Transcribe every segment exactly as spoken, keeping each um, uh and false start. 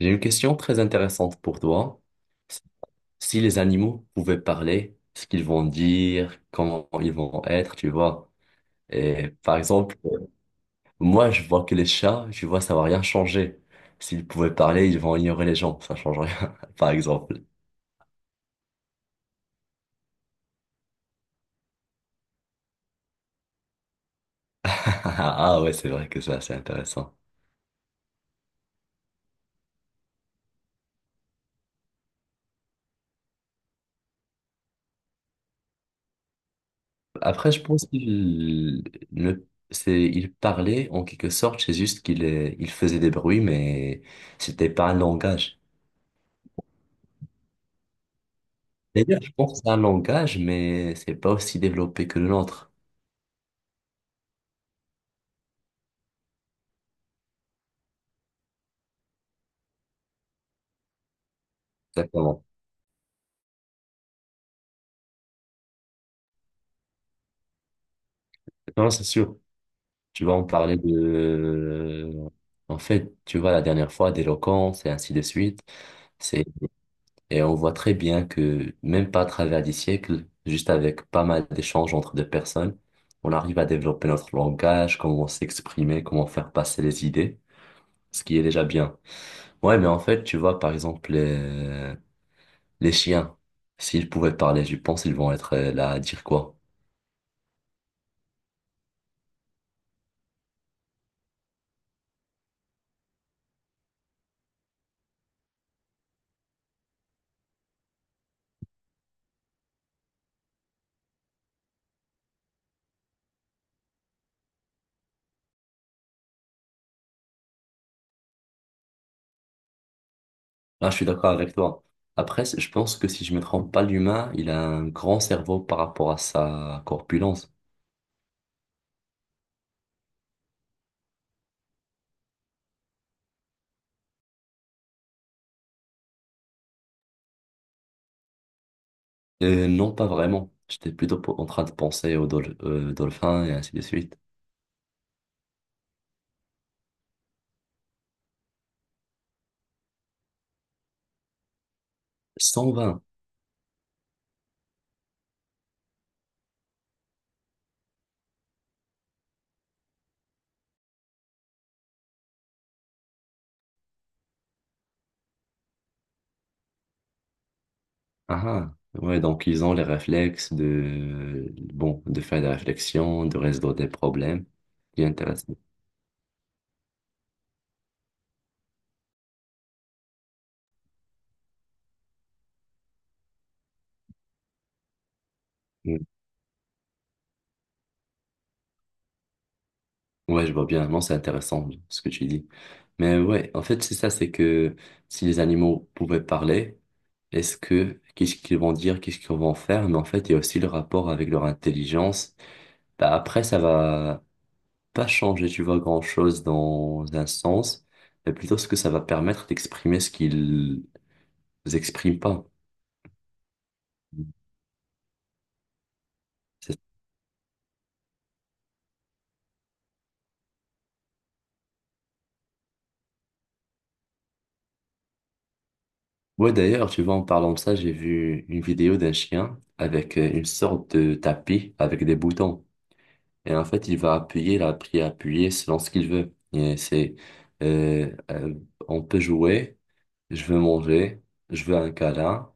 J'ai une question très intéressante pour toi. Si les animaux pouvaient parler, ce qu'ils vont dire, comment ils vont être, tu vois. Et par exemple, moi, je vois que les chats, tu vois, ça va rien changer. S'ils pouvaient parler, ils vont ignorer les gens, ça change rien, par exemple. Ah ouais, c'est vrai que ça, c'est intéressant. Après, je pense qu'il ne, c'est, il parlait en quelque sorte, c'est juste qu'il euh, il faisait des bruits, mais c'était pas un langage. D'ailleurs, je pense que c'est un langage, mais c'est pas aussi développé que le nôtre. Exactement. Non, c'est sûr. Tu vois, on parlait de... euh, En fait, tu vois, la dernière fois, d'éloquence et ainsi de suite. C'est... Et on voit très bien que, même pas à travers des siècles, juste avec pas mal d'échanges entre deux personnes, on arrive à développer notre langage, comment s'exprimer, comment faire passer les idées, ce qui est déjà bien. Ouais, mais en fait, tu vois, par exemple, les, les chiens, s'ils pouvaient parler, je pense qu'ils vont être euh, là à dire quoi? Ah, je suis d'accord avec toi. Après, c- je pense que si je me trompe pas, l'humain, il a un grand cerveau par rapport à sa corpulence. Euh, non, pas vraiment. J'étais plutôt po- en train de penser aux dol- euh, dolphins et ainsi de suite. cent vingt. Ah, ah. Ouais, donc ils ont les réflexes de, bon, de faire des réflexions, de résoudre des problèmes. C'est intéressant. Ouais, je vois bien. Non, c'est intéressant ce que tu dis. Mais ouais, en fait, c'est ça, c'est que si les animaux pouvaient parler, est-ce que qu'est-ce qu'ils vont dire, qu'est-ce qu'ils vont faire? Mais en fait, il y a aussi le rapport avec leur intelligence. Bah, après, ça va pas changer, tu vois, grand-chose dans un sens, mais plutôt ce que ça va permettre d'exprimer ce qu'ils expriment pas. C'est... Ouais, d'ailleurs, tu vois, en parlant de ça, j'ai vu une vidéo d'un chien avec euh, une sorte de tapis avec des boutons. Et en fait, il va appuyer, la appuyer, appuyer selon ce qu'il veut. Et c'est, euh, euh, on peut jouer, je veux manger, je veux un câlin,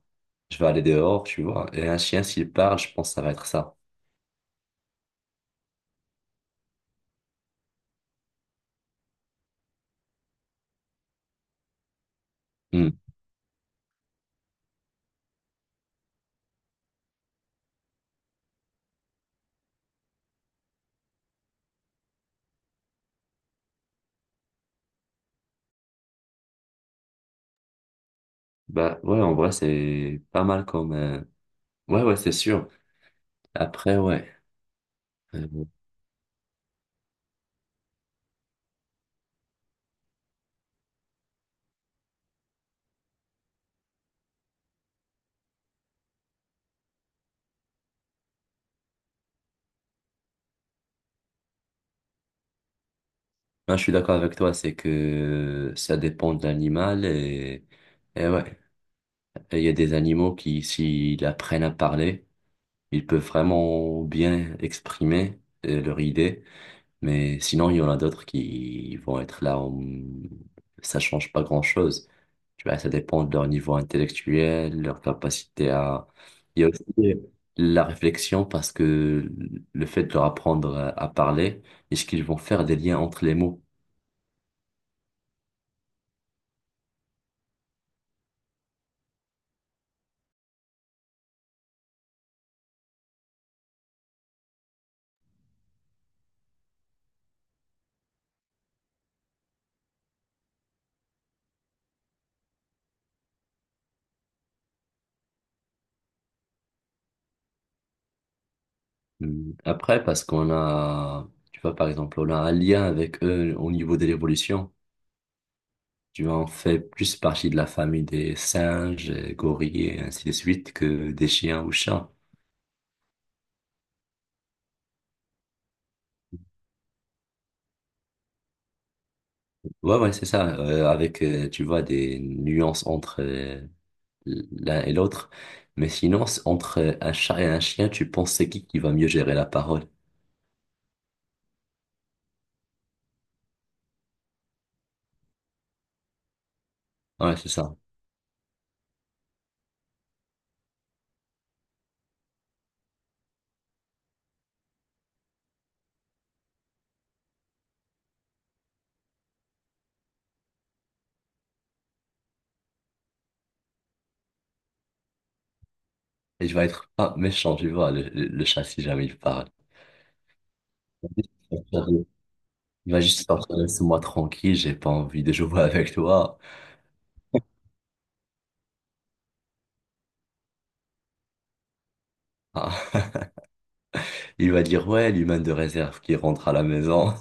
je veux aller dehors, tu vois. Et un chien, s'il parle, je pense que ça va être ça. Hmm. Bah ouais, en vrai, c'est pas mal comme... euh, Ouais, ouais, c'est sûr. Après, ouais. euh, Moi, je suis d'accord avec toi, c'est que ça dépend de l'animal. Et, et ouais, et il y a des animaux qui, s'ils apprennent à parler, ils peuvent vraiment bien exprimer euh, leur idée, mais sinon, il y en a d'autres qui vont être là, en- Ça change pas grand-chose. Tu vois, ça dépend de leur niveau intellectuel, leur capacité à... Il y a aussi la réflexion parce que le fait de leur apprendre à à parler, est-ce qu'ils vont faire des liens entre les mots? Hmm. Après, parce qu'on a, tu vois, par exemple, on a un lien avec eux au niveau de l'évolution. Tu en fais plus partie de la famille des singes, euh, gorilles, et ainsi de suite, que des chiens ou chats. Ouais, ouais, c'est ça. Euh, avec, euh, tu vois, des nuances entre euh, l'un et l'autre. Mais sinon, c'est entre euh, un chat et un chien, tu penses c'est qui qui va mieux gérer la parole? Ouais, c'est ça. Et je vais être pas méchant, tu vois, le, le- le chat, si jamais il parle. Il va juste sortir, laisse-moi tranquille, j'ai pas envie de jouer avec toi. Ah. Il va dire, ouais, l'humain de réserve qui rentre à la maison.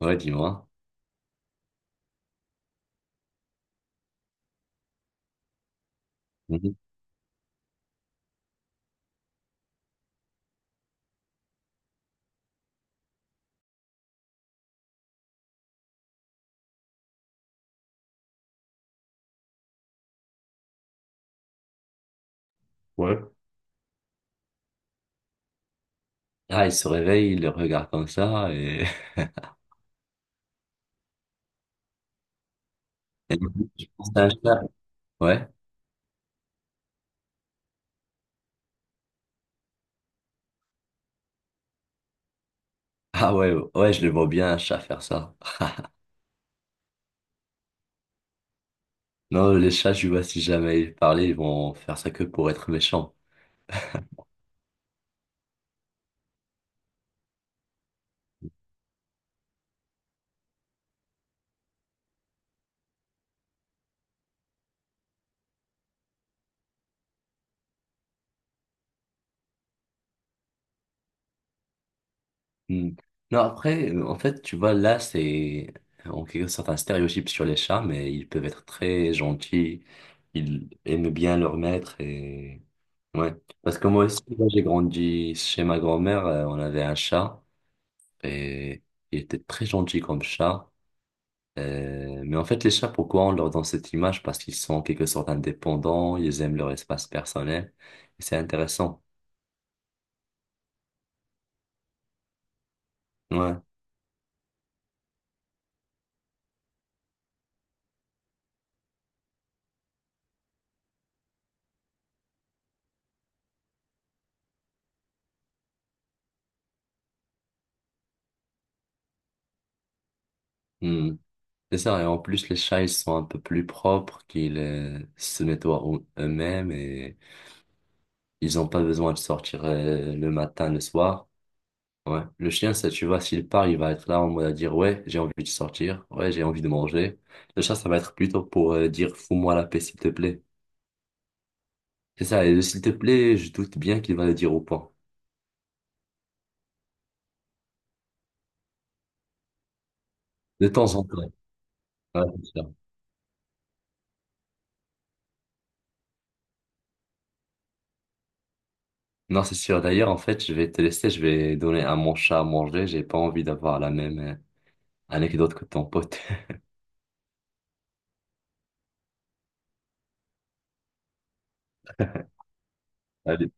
Ouais, dis-moi. Mhm. Ouais. Ah, il se réveille, il le regarde comme ça et... Et je pense à un chat. Ouais. Ah ouais, ouais, je le vois bien un chat faire ça. Non, les chats, je vois si jamais ils parlaient, ils vont faire ça que pour être méchants. Hmm. Non, après, euh, en fait, tu vois, là, c'est en quelque sorte un stéréotype sur les chats, mais ils peuvent être très gentils. Ils aiment bien leur maître et... Ouais. Parce que moi aussi, moi, j'ai grandi chez ma grand-mère, euh, on avait un chat. Et il était très gentil comme chat. Euh, mais en fait, les chats, pourquoi on leur donne cette image? Parce qu'ils sont en quelque sorte indépendants, ils aiment leur espace personnel. Et c'est intéressant. Ouais. Hmm. C'est ça. Et en plus, les chats, ils sont un peu plus propres, qu'ils euh, se nettoient eux- eux-mêmes et ils n'ont pas besoin de sortir euh, le matin, le soir. Ouais. Le chien, ça, tu vois, s'il part, il va être là en mode à dire, ouais, j'ai envie de sortir, ouais, j'ai envie de manger. Le chat, ça va être plutôt pour euh, dire, fous-moi la paix, s'il te plaît. C'est ça, et le s'il te plaît, je doute bien qu'il va le dire au point. De temps en temps. Ouais, c'est sûr. Non, c'est sûr. D'ailleurs, en fait, je vais te laisser, je vais donner à mon chat à manger. J'ai pas envie d'avoir la même euh, anecdote que ton pote. Allez.